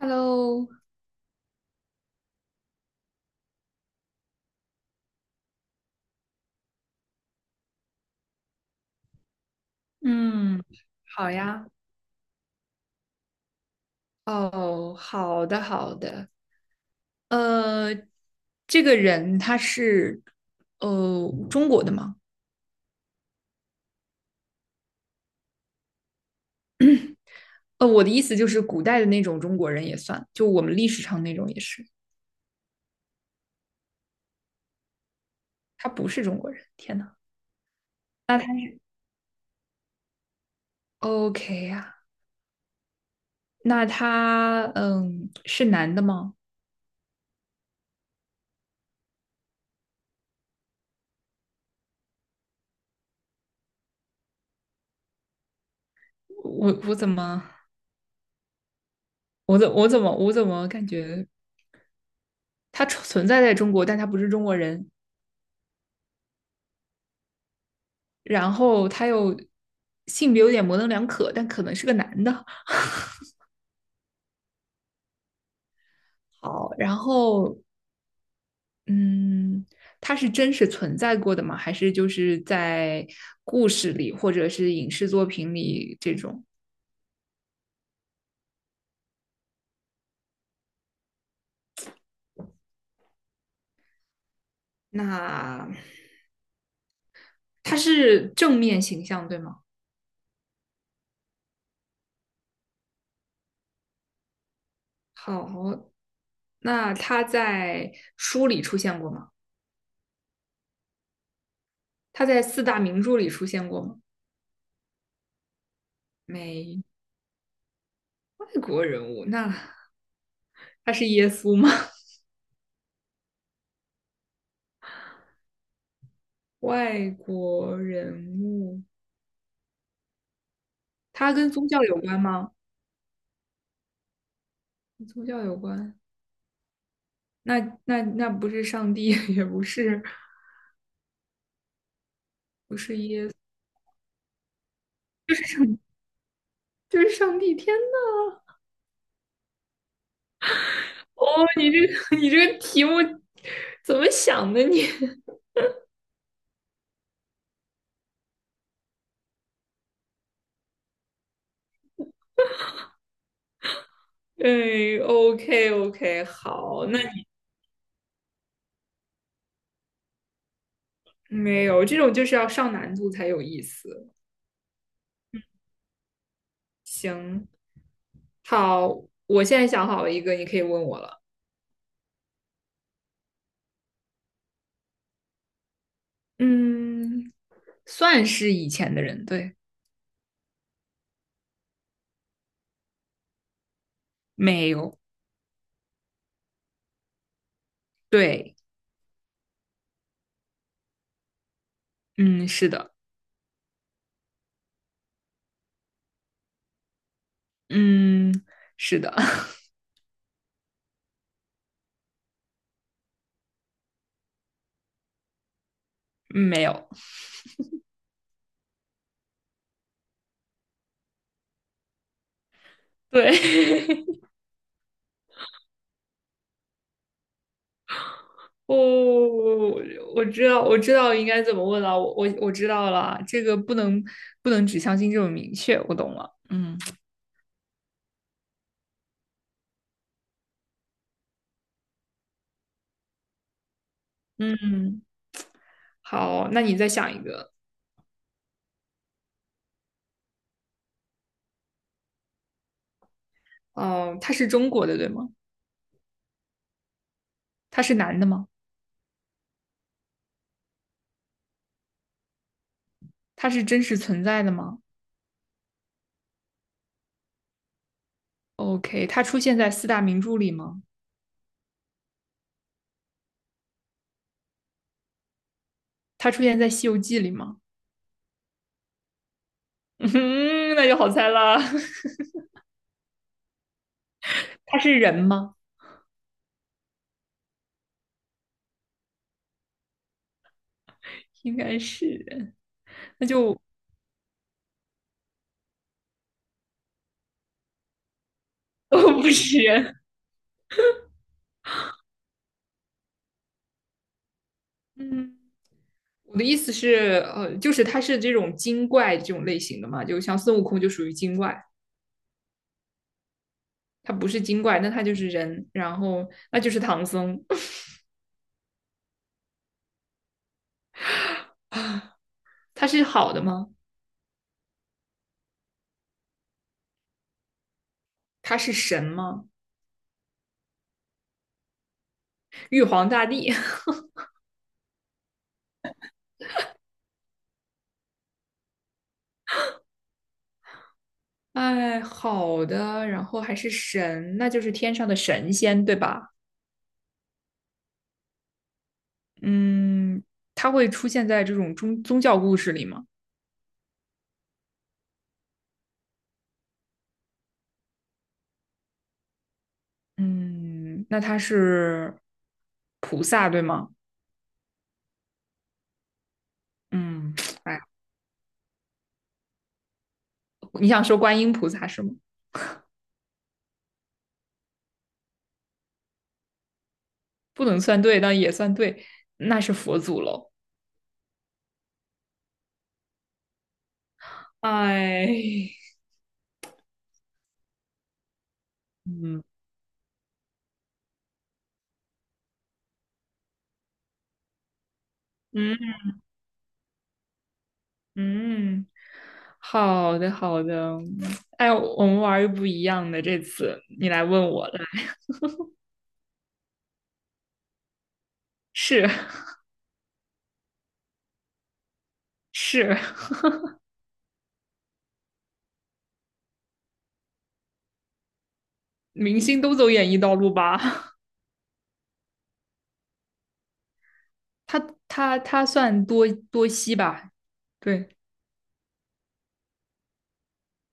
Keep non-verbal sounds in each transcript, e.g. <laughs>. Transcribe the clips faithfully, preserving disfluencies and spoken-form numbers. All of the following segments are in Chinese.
Hello，嗯，好呀，哦，好的，好的，呃，这个人他是呃中国的吗？呃，我的意思就是古代的那种中国人也算，就我们历史上那种也是，他不是中国人，天呐，那他 OK 呀、那他嗯是男的吗？我我怎么我怎我怎么我怎么感觉他存在在中国，但他不是中国人？然后他又性别有点模棱两可，但可能是个男的。好，然后嗯，他是真实存在过的吗？还是就是在故事里或者是影视作品里这种？那他是正面形象对吗？好，那他在书里出现过吗？他在四大名著里出现过吗？没，外国人物，那他是耶稣吗？<laughs> 外国人物。它跟宗教有关吗？跟宗教有关，那那那不是上帝，<laughs> 也不是不是耶稣，就是上帝。天呐，哦，你这个 <laughs> 你这个题目怎么想的你？<laughs> 哎，O K OK，好，那你没有这种就是要上难度才有意思。嗯，好，我现在想好了一个，你可以问我了。嗯，算是以前的人，对，没有，对，嗯，是的，嗯，是的，<laughs> 没有。对，<laughs> 哦，我知道，我知道应该怎么问了，我我我知道了，这个不能不能只相信这种明确，我懂了。嗯嗯，好，那你再想一个。哦、他是中国的，对吗？他是男的吗？他是真实存在的吗？OK，他出现在四大名著里吗？他出现在《西游记》里吗？<laughs> 嗯，那就好猜了。<laughs> 他是人吗？应该是人，那就 <laughs> 不是人。嗯。我的意思是，呃，就是他是这种精怪这种类型的嘛，就像孙悟空就属于精怪，他不是精怪，那他就是人，然后那就是唐僧，他是好的吗？他是神吗？玉皇大帝，<laughs> 哎，好的，然后还是神，那就是天上的神仙，对吧？嗯，他会出现在这种宗宗教故事里吗？嗯，那他是菩萨，对吗？嗯，哎，你想说观音菩萨是吗？不能算对，但也算对，那是佛祖喽。哎 <laughs>，嗯，嗯嗯，好的好的，哎，我们玩儿不一样的，这次你来问我了，是是，明星都走演艺道路吧？<laughs> 他他他算多多熙吧？对，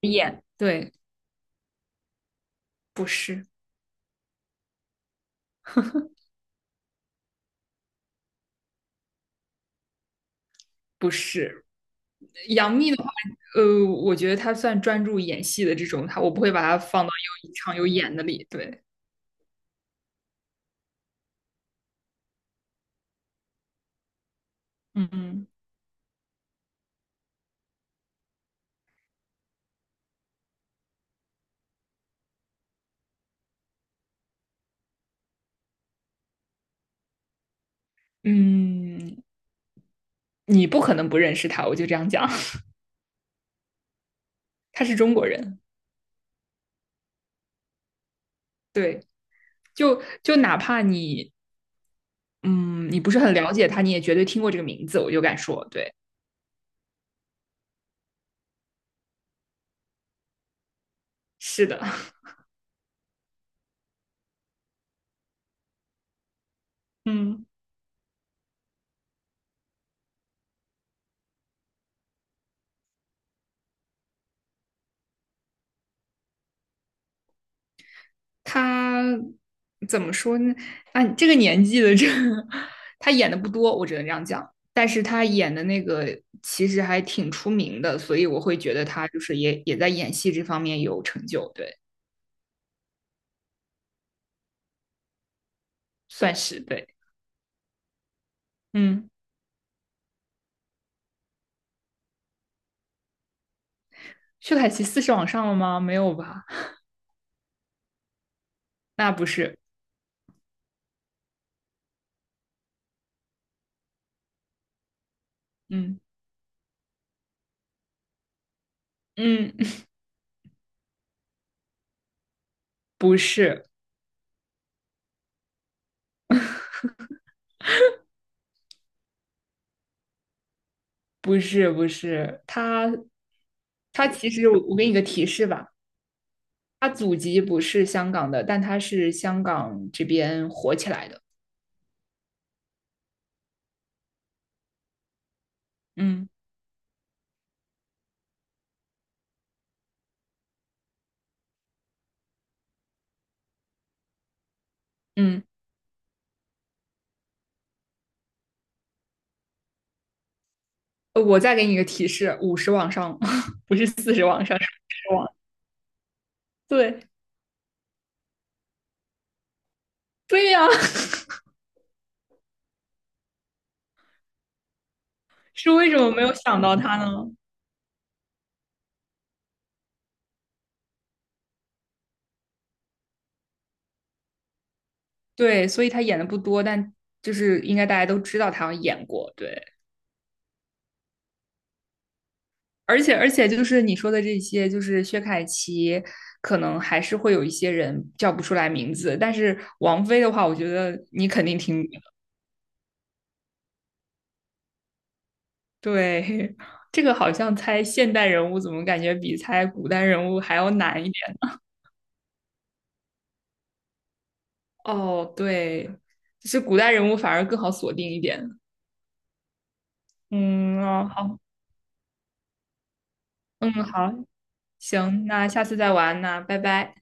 演对，不是不是，杨幂的话，呃，我觉得她算专注演戏的这种，她我不会把她放到有唱有演的里，对，嗯嗯。嗯，你不可能不认识他，我就这样讲，<laughs> 他是中国人，对，就就哪怕你，嗯，你不是很了解他，你也绝对听过这个名字，我就敢说，对，是的，<laughs> 嗯，他怎么说呢？啊，这个年纪的这个 <laughs> 他演的不多，我只能这样讲，但是他演的那个其实还挺出名的，所以我会觉得他就是也也在演戏这方面有成就，对，算是对，嗯，薛凯琪四是往上了吗？没有吧？那不是，嗯嗯，<laughs> 不是，不是，不是，他他其实我我给你个提示吧，他祖籍不是香港的，但他是香港这边火起来的。嗯嗯，呃我再给你个提示，五十往上，<laughs> 不是四十往上，是五十往。对对呀、<laughs> 是为什么没有想到他呢？对，所以他演的不多，但就是应该大家都知道他演过。对。而且而且就是你说的这些，就是薛凯琪，可能还是会有一些人叫不出来名字，但是王菲的话，我觉得你肯定听过。对，<laughs> 这个好像猜现代人物，怎么感觉比猜古代人物还要难一点？哦，对，就是古代人物反而更好锁定一点。嗯，哦，好，嗯，好，行，那下次再玩，那拜拜。